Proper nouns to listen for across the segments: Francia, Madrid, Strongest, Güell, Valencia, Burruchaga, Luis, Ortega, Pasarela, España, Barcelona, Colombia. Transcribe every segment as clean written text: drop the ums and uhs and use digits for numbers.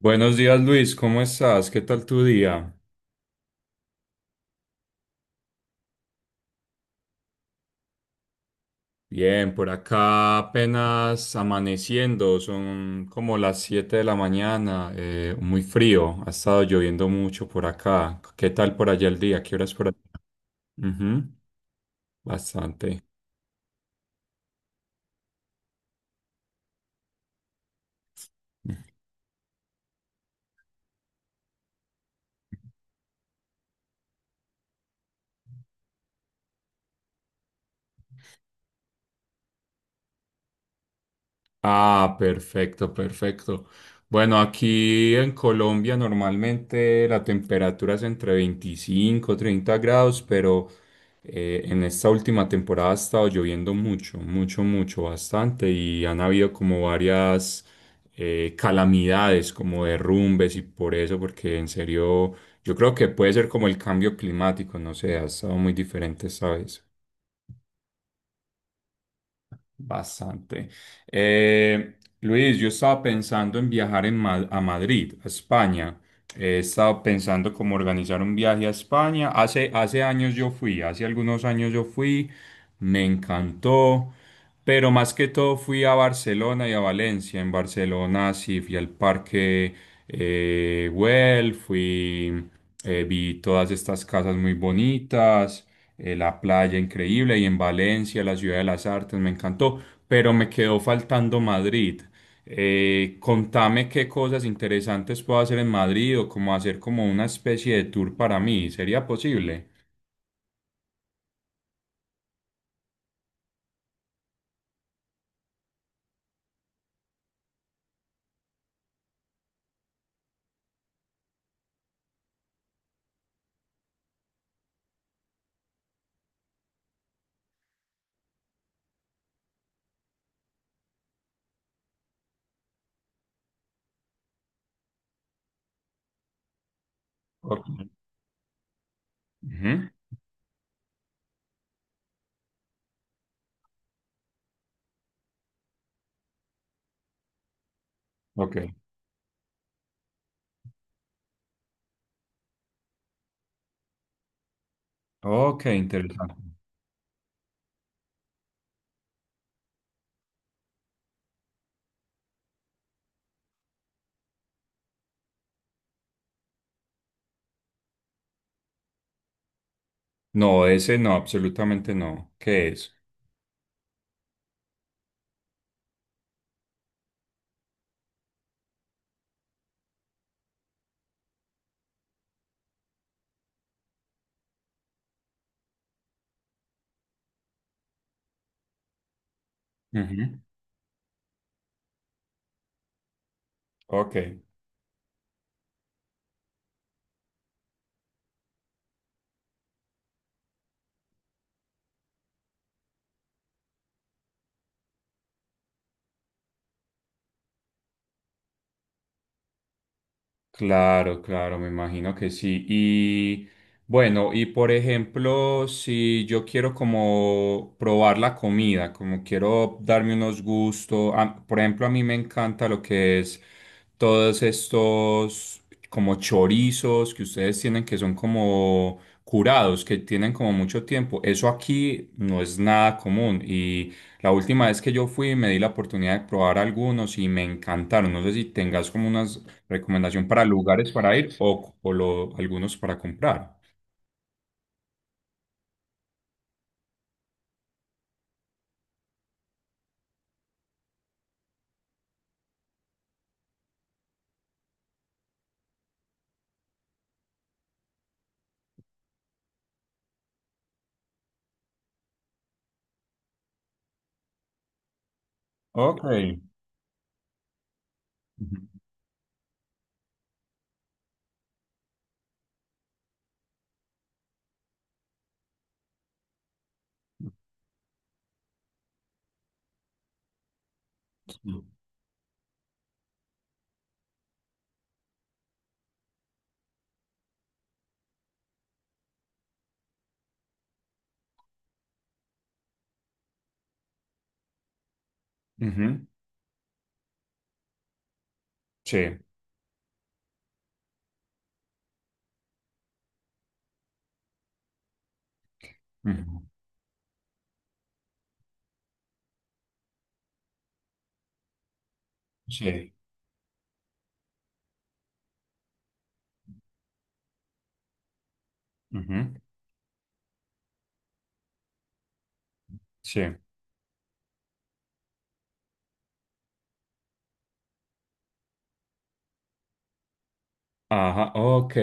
Buenos días Luis, ¿cómo estás? ¿Qué tal tu día? Bien, por acá apenas amaneciendo, son como las 7 de la mañana, muy frío, ha estado lloviendo mucho por acá. ¿Qué tal por allá el día? ¿Qué horas por allá? Ujú, bastante. Ah, perfecto, perfecto. Bueno, aquí en Colombia normalmente la temperatura es entre 25 30 grados, pero en esta última temporada ha estado lloviendo mucho, mucho, mucho, bastante y han habido como varias calamidades, como derrumbes y por eso, porque en serio yo creo que puede ser como el cambio climático, no sé, ha estado muy diferente esta vez. Bastante. Eh, Luis, yo estaba pensando en viajar a Madrid, a España. He estado pensando cómo organizar un viaje a España. Hace años yo fui, hace algunos años yo fui, me encantó. Pero más que todo fui a Barcelona y a Valencia. En Barcelona sí fui al parque Güell, fui, vi todas estas casas muy bonitas, la playa increíble y en Valencia, la ciudad de las artes, me encantó, pero me quedó faltando Madrid. Contame qué cosas interesantes puedo hacer en Madrid o cómo hacer como una especie de tour para mí. ¿Sería posible? Ok. Ujú. Ok, ok, interesante. No, ese no, absolutamente no. ¿Qué es? Ujú. Ok. Claro, claro, me imagino que sí. Y bueno, y por ejemplo, si yo quiero como probar la comida, como quiero darme unos gustos, por ejemplo, a mí me encanta lo que es todos estos como chorizos que ustedes tienen que son como curados, que tienen como mucho tiempo. Eso aquí no es nada común y la última vez que yo fui me di la oportunidad de probar algunos y me encantaron. No sé si tengas como unas recomendación para lugares para ir o algunos para comprar. Ok. Ujú. Ujú. Sí. Ujú. Sí. Ujú. Sí. Ajá, ok,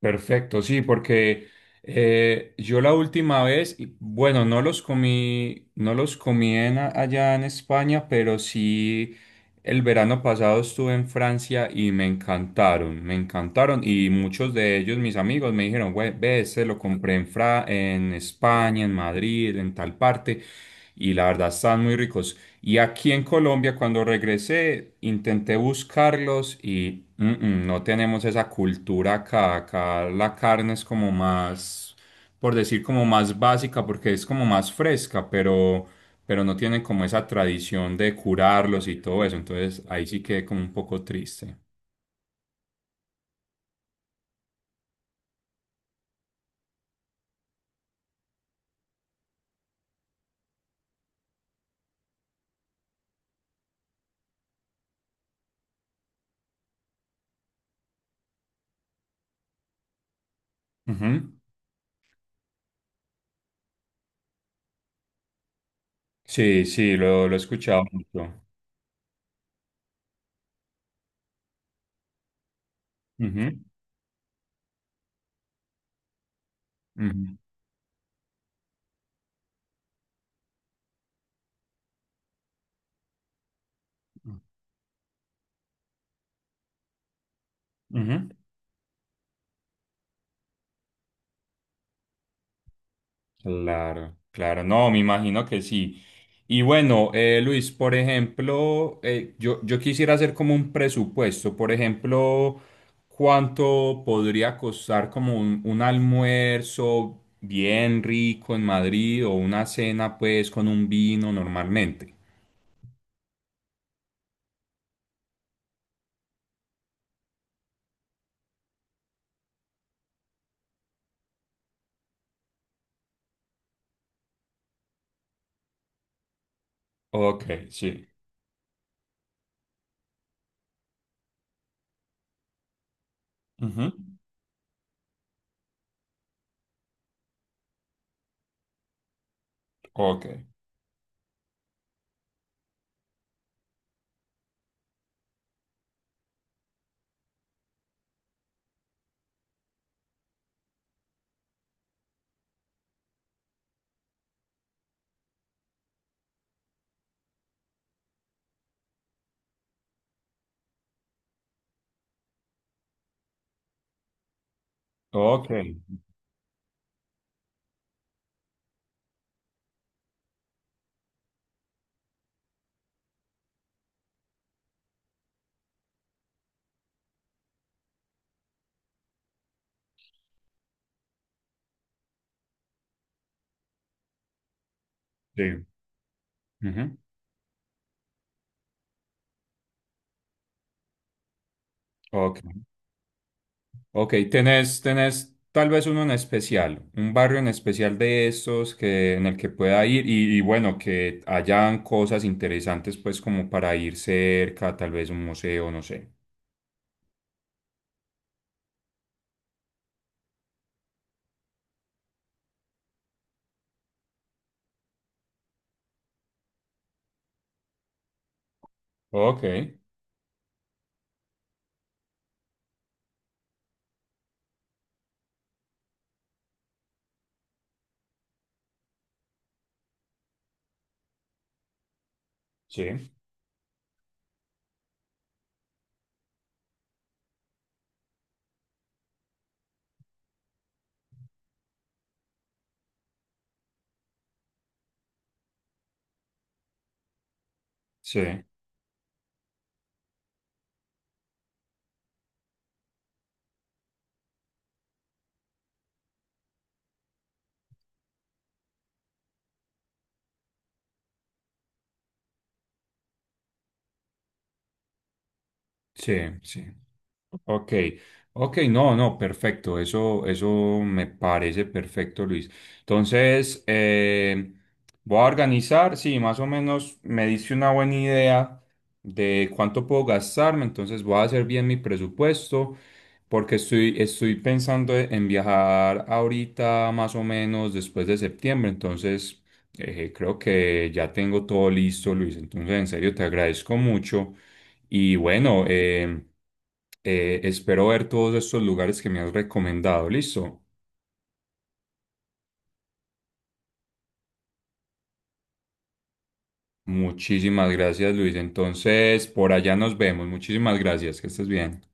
perfecto, sí, porque yo la última vez, y bueno, no los comí, no los comí allá en España, pero sí el verano pasado estuve en Francia y me encantaron y muchos de ellos, mis amigos, me dijeron, "Güey, ve, este lo compré en España, en Madrid, en tal parte y la verdad están muy ricos". Y aquí en Colombia, cuando regresé, intenté buscarlos y no tenemos esa cultura acá, acá la carne es como más, por decir como más básica porque es como más fresca, pero no tienen como esa tradición de curarlos y todo eso, entonces ahí sí quedé como un poco triste. Ujú. Sí, sí, lo he escuchado mucho. Ujú, ujú, ujú. Claro, claro, no, me imagino que sí. Y bueno, Luis, por ejemplo, yo quisiera hacer como un presupuesto, por ejemplo, ¿cuánto podría costar como un almuerzo bien rico en Madrid o una cena pues con un vino normalmente? Ok, sí. Ujú. Ok, ok, sí. Ujú. Ok. Ok, tenés tal vez uno en especial, un barrio en especial de estos que, en el que pueda ir y bueno, que hayan cosas interesantes pues como para ir cerca, tal vez un museo, no sé. Ok, sí, sí, sí, sí. Ok, ok, no, no, perfecto, eso me parece perfecto, Luis. Entonces, voy a organizar, sí, más o menos me dice una buena idea de cuánto puedo gastarme, entonces voy a hacer bien mi presupuesto, porque estoy pensando en viajar ahorita, más o menos después de septiembre, entonces creo que ya tengo todo listo, Luis. Entonces, en serio, te agradezco mucho. Y bueno, espero ver todos estos lugares que me has recomendado. Listo. Muchísimas gracias, Luis. Entonces, por allá nos vemos. Muchísimas gracias. Que estés bien.